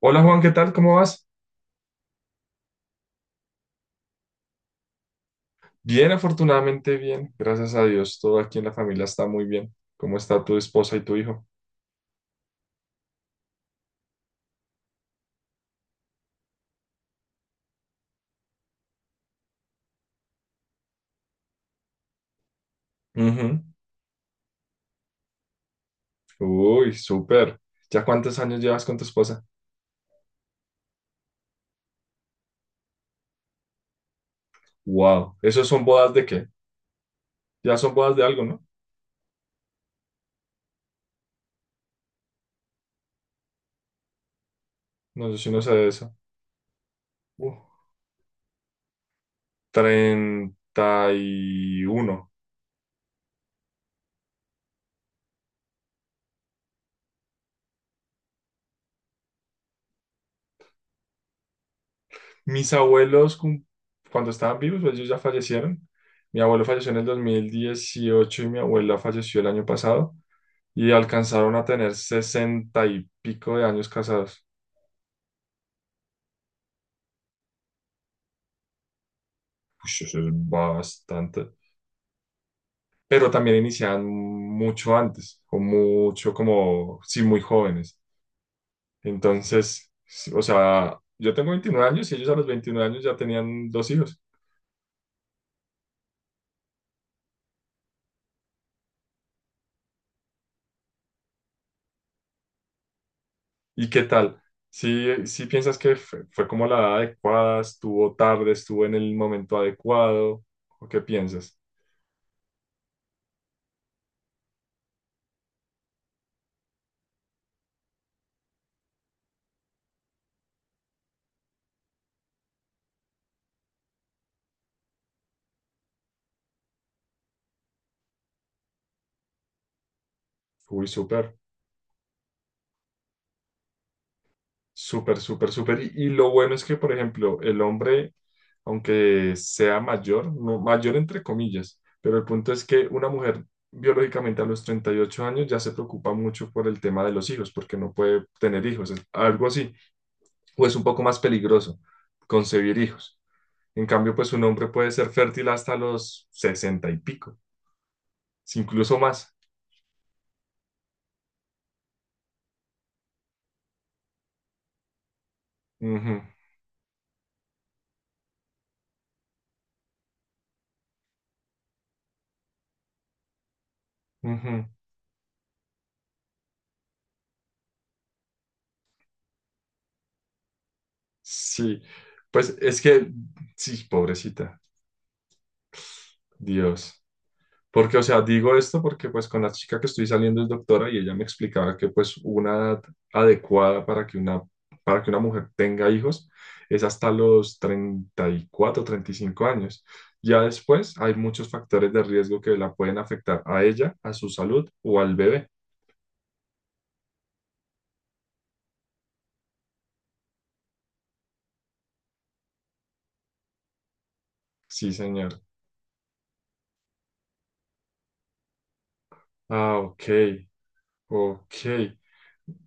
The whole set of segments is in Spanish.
Hola Juan, ¿qué tal? ¿Cómo vas? Bien, afortunadamente bien, gracias a Dios. Todo aquí en la familia está muy bien. ¿Cómo está tu esposa y tu hijo? Ujú. Uy, súper. ¿Ya cuántos años llevas con tu esposa? Wow, ¿esos son bodas de qué? Ya son bodas de algo, ¿no? No, yo sí no sé de eso. Uh, Treinta y uno. Mis abuelos, cuando estaban vivos, pues ellos ya fallecieron. Mi abuelo falleció en el 2018 y mi abuela falleció el año pasado, y alcanzaron a tener sesenta y pico de años casados. Ush, eso es bastante. Pero también iniciaban mucho antes, o mucho como, sí, muy jóvenes. Entonces, sí, o sea, yo tengo 29 años y ellos a los 29 años ya tenían dos hijos. ¿Y qué tal? ¿Si piensas que fue como la edad adecuada? ¿Estuvo tarde? ¿Estuvo en el momento adecuado? ¿O qué piensas? Uy, súper. Súper, súper, súper. Y lo bueno es que, por ejemplo, el hombre, aunque sea mayor, no, mayor entre comillas, pero el punto es que una mujer biológicamente a los 38 años ya se preocupa mucho por el tema de los hijos, porque no puede tener hijos, es algo así, o es un poco más peligroso concebir hijos. En cambio, pues un hombre puede ser fértil hasta los sesenta y pico, si incluso más. Ujú, ujú. Sí, pues es que, sí, pobrecita, Dios. Porque, o sea, digo esto porque pues con la chica que estoy saliendo es doctora y ella me explicaba que pues una edad adecuada para que una mujer tenga hijos es hasta los treinta y cuatro, treinta y cinco años. Ya después hay muchos factores de riesgo que la pueden afectar a ella, a su salud o al bebé. Sí, señor. Ah, ok, ok.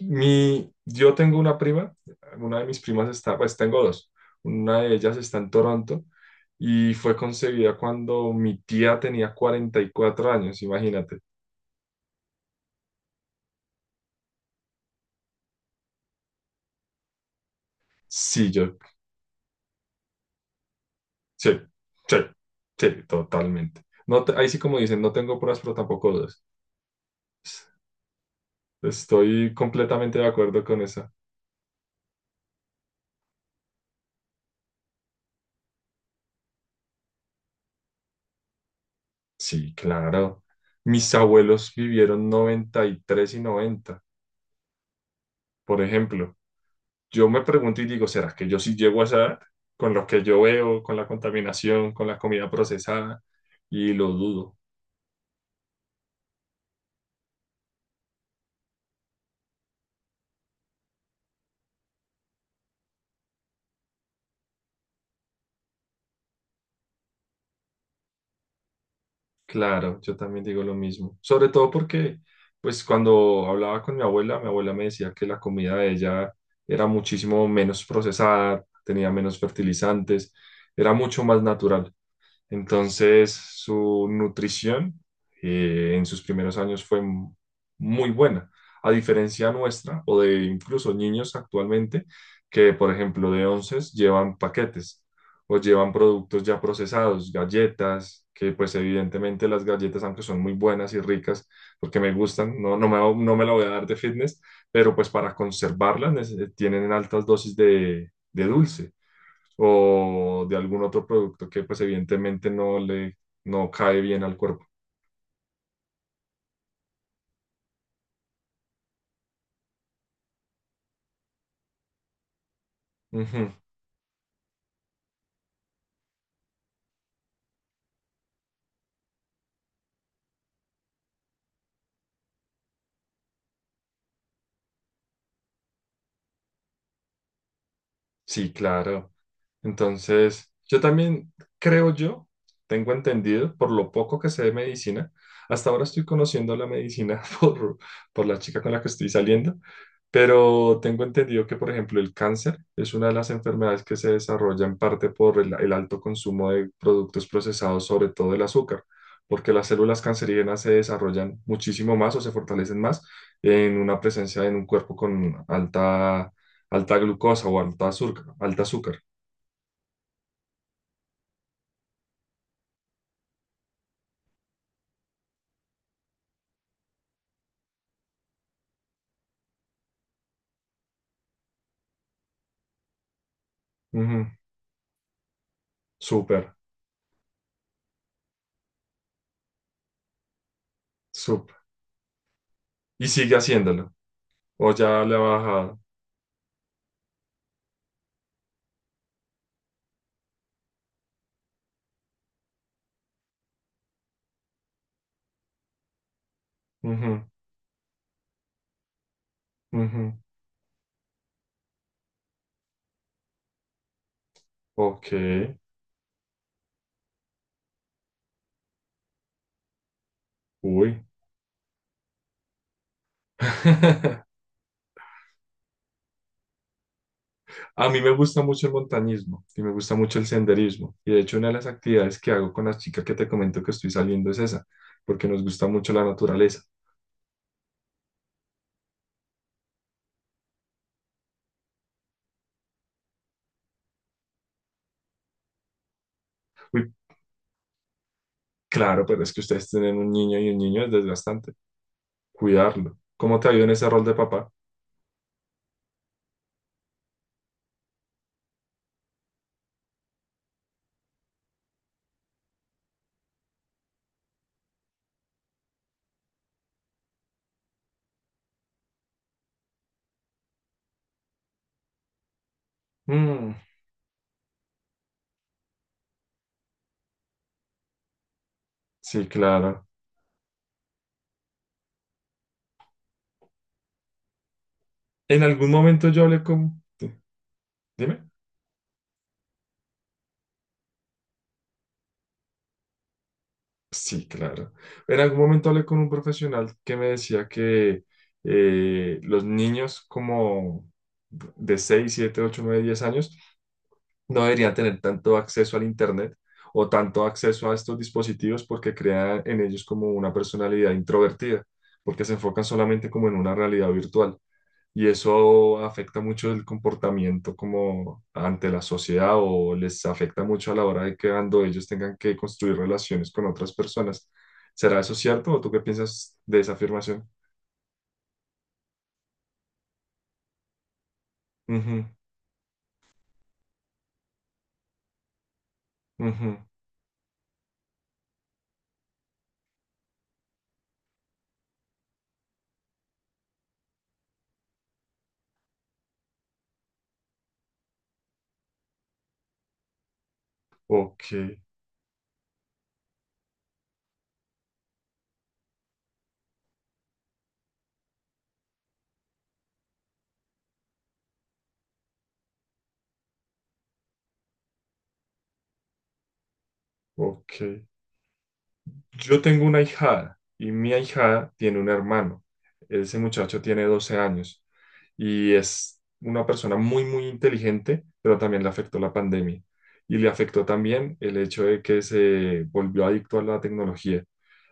Yo tengo una prima, una de mis pues tengo dos, una de ellas está en Toronto y fue concebida cuando mi tía tenía 44 años, imagínate. Sí, yo, sí, sí, sí, totalmente. No, ahí sí como dicen, no tengo pruebas, pero tampoco dudas. Estoy completamente de acuerdo con esa. Sí, claro. Mis abuelos vivieron 93 y 90, por ejemplo. Yo me pregunto y digo, ¿será que yo sí llego a esa edad? Con lo que yo veo, con la contaminación, con la comida procesada, y lo dudo. Claro, yo también digo lo mismo. Sobre todo porque, pues cuando hablaba con mi abuela me decía que la comida de ella era muchísimo menos procesada, tenía menos fertilizantes, era mucho más natural. Entonces, su nutrición en sus primeros años fue muy buena, a diferencia nuestra o de incluso niños actualmente que, por ejemplo, de onces llevan paquetes o llevan productos ya procesados, galletas, que pues evidentemente las galletas, aunque son muy buenas y ricas, porque me gustan, no me la voy a dar de fitness, pero pues para conservarlas tienen altas dosis de dulce o de algún otro producto que pues evidentemente no cae bien al cuerpo. Ujú. Sí, claro. Entonces, yo también creo yo, tengo entendido, por lo poco que sé de medicina, hasta ahora estoy conociendo la medicina por la chica con la que estoy saliendo, pero tengo entendido que, por ejemplo, el cáncer es una de las enfermedades que se desarrolla en parte por el alto consumo de productos procesados, sobre todo el azúcar, porque las células cancerígenas se desarrollan muchísimo más o se fortalecen más en una presencia en un cuerpo con alta glucosa o alta azúcar. Ujú. Súper, súper. Y sigue haciéndolo. O ya le ha bajado. Ujú, ujú. Ok. Uy. A mí me gusta mucho el montañismo y me gusta mucho el senderismo. Y de hecho, una de las actividades que hago con la chica que te comento que estoy saliendo es esa, porque nos gusta mucho la naturaleza. Uy, claro, pero es que ustedes tienen un niño y un niño es desgastante. Cuidarlo. ¿Cómo te ha ido en ese rol de papá? Mm, sí, claro. En algún momento yo hablé con... Dime. Sí, claro. En algún momento hablé con un profesional que me decía que los niños como de 6, 7, 8, 9, 10 años no deberían tener tanto acceso al Internet o tanto acceso a estos dispositivos porque crean en ellos como una personalidad introvertida, porque se enfocan solamente como en una realidad virtual, y eso afecta mucho el comportamiento como ante la sociedad o les afecta mucho a la hora de que cuando ellos tengan que construir relaciones con otras personas. ¿Será eso cierto o tú qué piensas de esa afirmación? Ujú, ujú. Ok, ok. Yo tengo una hijada y mi ahijada tiene un hermano. Ese muchacho tiene 12 años y es una persona muy, muy inteligente, pero también le afectó la pandemia. Y le afectó también el hecho de que se volvió adicto a la tecnología.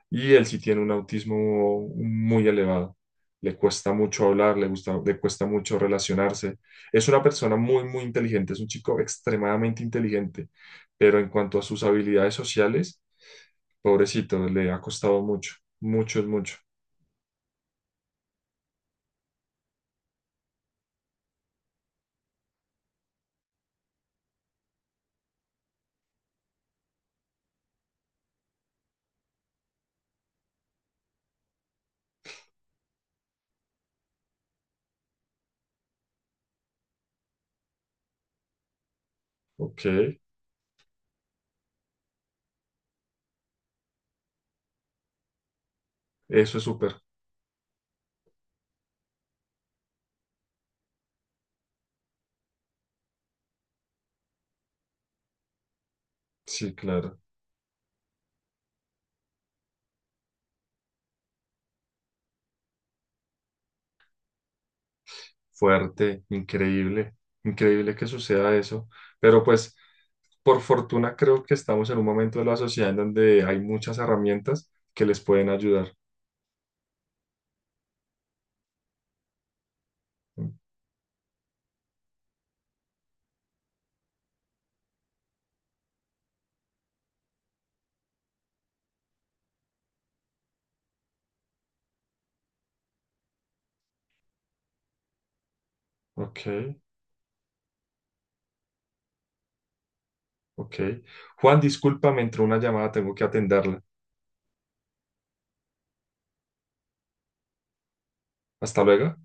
Y él sí tiene un autismo muy elevado. Le cuesta mucho hablar, le cuesta mucho relacionarse. Es una persona muy, muy inteligente, es un chico extremadamente inteligente, pero en cuanto a sus habilidades sociales, pobrecito, le ha costado mucho, mucho es mucho. Ok, eso es súper, sí, claro, fuerte, increíble, increíble que suceda eso, pero pues por fortuna creo que estamos en un momento de la sociedad en donde hay muchas herramientas que les pueden ayudar. Ok, ok. Juan, discúlpame, entró una llamada, tengo que atenderla. Hasta luego.